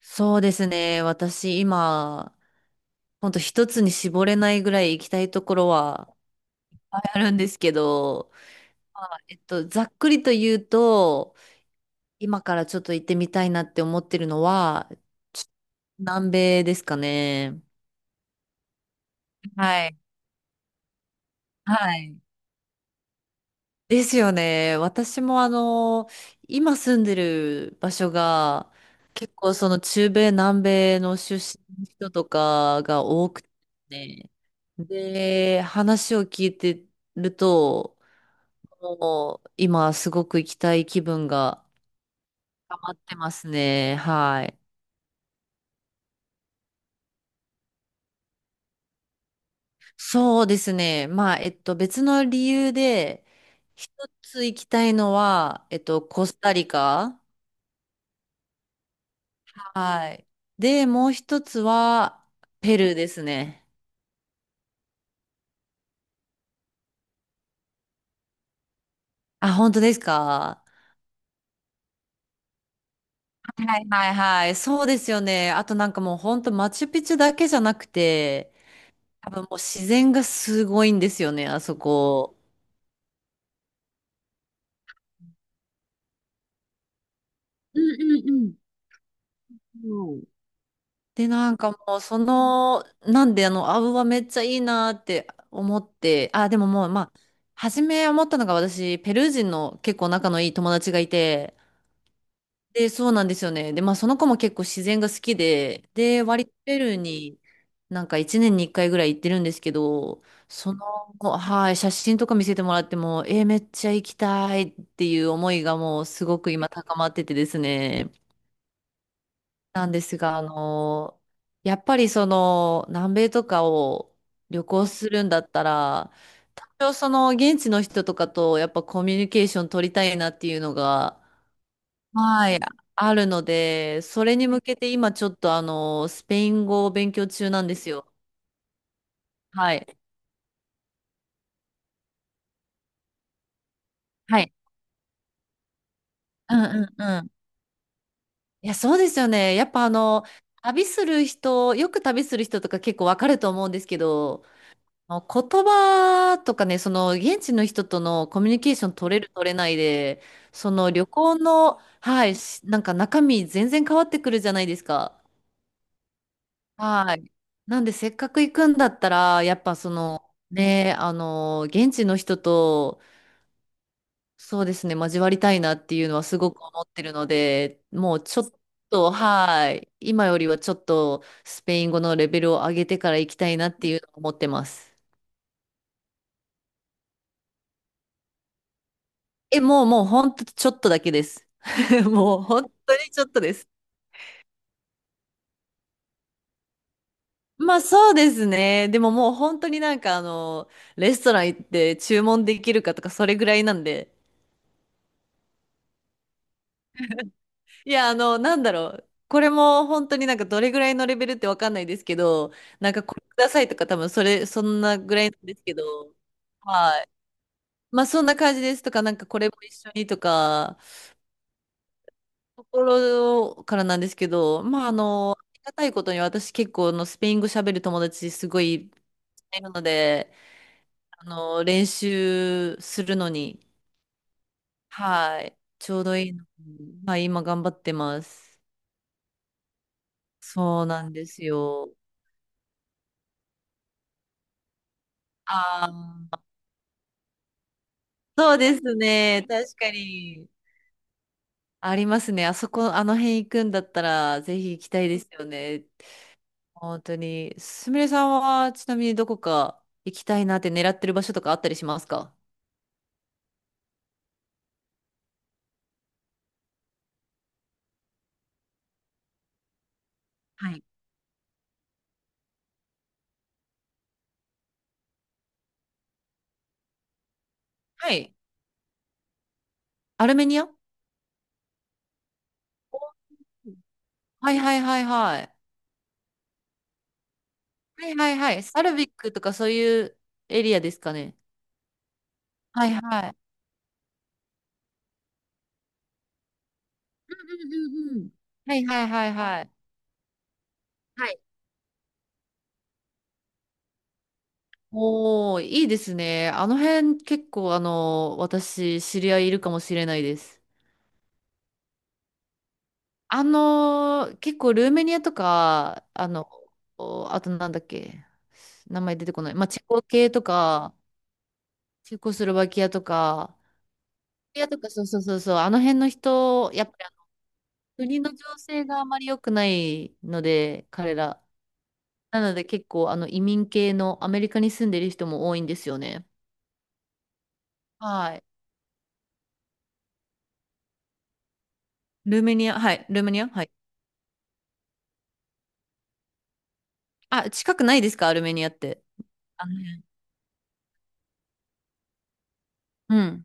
そうですね。私今、ほんと一つに絞れないぐらい行きたいところはいっぱいあるんですけど、まあざっくりと言うと、今からちょっと行ってみたいなって思ってるのは、ちょ南米ですかね。はい。はい。ですよね。私も今住んでる場所が、結構その中米、南米の出身の人とかが多くてね、で、話を聞いてると、もう今すごく行きたい気分が溜まってますね。はい。そうですね。まあ、別の理由で、一つ行きたいのは、コスタリカ。はい。で、もう一つは、ペルーですね。あ、本当ですか？はいはいはい。そうですよね。あとなんかもう本当マチュピチュだけじゃなくて、多分もう自然がすごいんですよね、あそこ。うんうんうん。うん。で、なんかもうその、なんでアブはめっちゃいいなって思って、あ、でももうまあ、初め思ったのが私、ペルー人の結構仲のいい友達がいて、で、そうなんですよね。で、まあその子も結構自然が好きで、で、割とペルーになんか1年に1回ぐらい行ってるんですけど、その、はい、写真とか見せてもらっても、えーめっちゃ行きたいっていう思いがもうすごく今高まっててですね。なんですが、やっぱりその南米とかを旅行するんだったら、多少その現地の人とかとやっぱコミュニケーション取りたいなっていうのが、はい、あるので、それに向けて今ちょっとスペイン語を勉強中なんですよ。はい。はい。うんうんうん。いや、そうですよね。やっぱ旅する人、よく旅する人とか結構わかると思うんですけど、あの言葉とかね、その現地の人とのコミュニケーション取れる取れないで、その旅行の、はい、なんか中身全然変わってくるじゃないですか。はい。なんで、せっかく行くんだったら、やっぱその、ね、現地の人と、そうですね、交わりたいなっていうのはすごく思ってるので、もうちょっと、はい。今よりはちょっと、スペイン語のレベルを上げてから行きたいなっていうのを思ってます。え、もう、もう、ほんとちょっとだけです。もう、本当にちょっとです。まあそうですね。でももう本当になんかレストラン行って注文できるかとかそれぐらいなんで。いや、なんだろう。これも本当になんかどれぐらいのレベルってわかんないですけど、なんかこれくださいとか多分そんなぐらいなんですけど、はい。まあそんな感じですとか、なんかこれも一緒にとか、ところからなんですけど、まあありがたいことに私結構あのスペイン語喋る友達すごいいるので、練習するのに、はい。ちょうどいいのに、まあ今頑張ってます。そうなんですよ。ああ。そうですね。確かに。ありますね。あそこ、あの辺行くんだったら、ぜひ行きたいですよね。本当に。すみれさんは、ちなみにどこか行きたいなって狙ってる場所とかあったりしますか？はい。はい。アルメニア。はいはいはいはい。はいはいはい。サルビックとかそういうエリアですかね。はいはい。うんうんうん。はいはいはいはい。はい。おー、いいですね。あの辺結構私知り合いいるかもしれないです。あのー結構ルーメニアとか、お、あとなんだっけ、名前出てこない。まあ、チェコ系とか、チェコスロバキアとか、バキとか、そうそうそうそう、あの辺の人、やっぱり国の情勢があまり良くないので、彼ら。なので結構、移民系のアメリカに住んでる人も多いんですよね。はい。ルーメニア、はい、ルーメニア、はい。あ、近くないですか、ルーメニアって。あの辺。うん。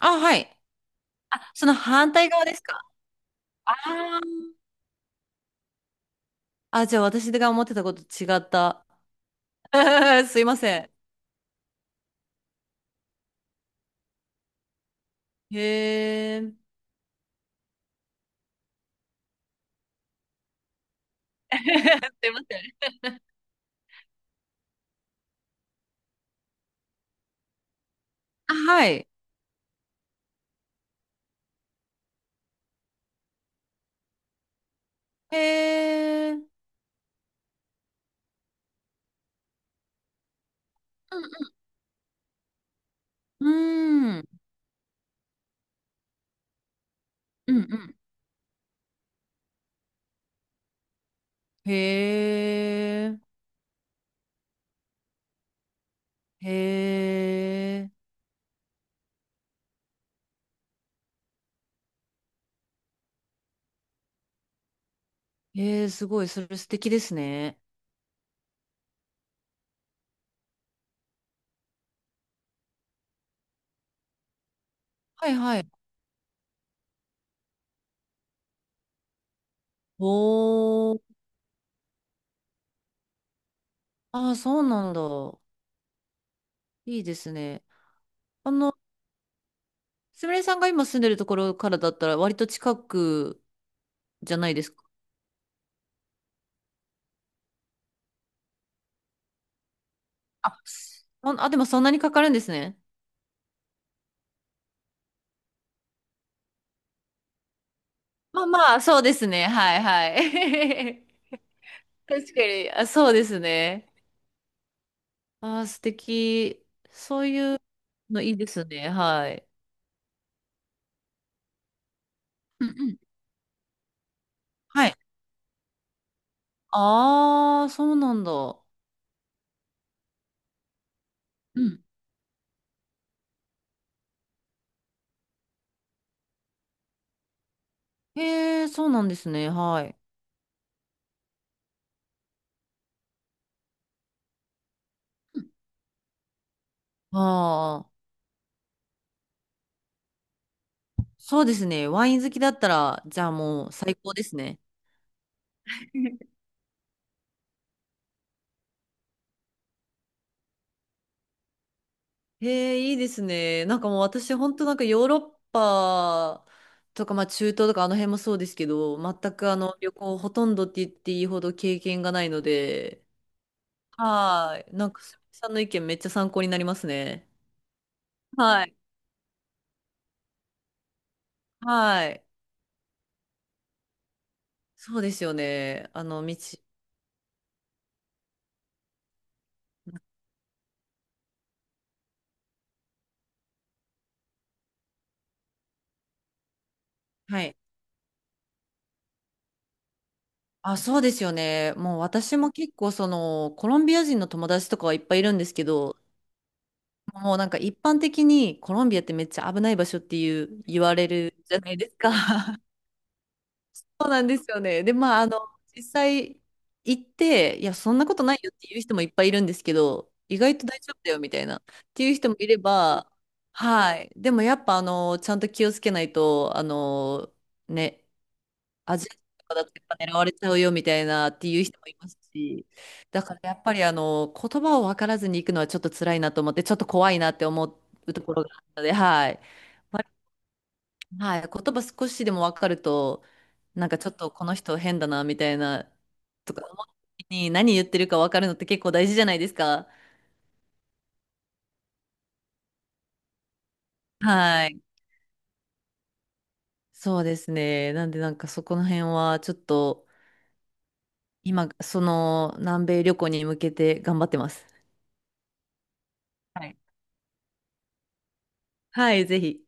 あ、はい。あ、その反対側ですか？ああ、じゃあ私が思ってたこと違った。すいません。へえ。すいません。あ、はい。へえ。うーん。うんうん。へえ。へえ。へえ、すごい。それ素敵ですね。はいはい。おー。ああ、そうなんだ。いいですね。あの、すみれさんが今住んでるところからだったら割と近くじゃないですか。あ、あでもそんなにかかるんですね。まあまあ、そうですね。はいはい。確かに、あ、そうですね。あー、素敵。そういうのいいですね。はい。うんうん。はい。ああ、そうなんだ。うん。へえ、そうなんですね。はい。ああ、そうですね。ワイン好きだったら、じゃあもう最高ですね。へえ、いいですね。なんかもう私、本当なんかヨーロッパとか、まあ中東とかあの辺もそうですけど、全くあの旅行ほとんどって言っていいほど経験がないので、はい。なんか、すみさんの意見めっちゃ参考になりますね。はい。はい。そうですよね。あの、道。はい。あ、そうですよね。もう私も結構その、コロンビア人の友達とかはいっぱいいるんですけど、もうなんか一般的にコロンビアってめっちゃ危ない場所っていう言われるじゃないですか。そうなんですよね。で、まあ、実際行って、いや、そんなことないよっていう人もいっぱいいるんですけど、意外と大丈夫だよみたいな、っていう人もいれば、はい。でもやっぱ、ちゃんと気をつけないと、ね、アジア人とかだとやっぱ狙われちゃうよみたいなっていう人もいますし、だからやっぱり、言葉を分からずに行くのはちょっと辛いなと思って、ちょっと怖いなって思うところがあったので、はい。はい、言葉少しでも分かると、なんかちょっとこの人変だなみたいなとか思った時に何言ってるか分かるのって結構大事じゃないですか。はい。そうですね。なんでなんかそこの辺はちょっと今、その南米旅行に向けて頑張ってます。はい。はい、ぜひ。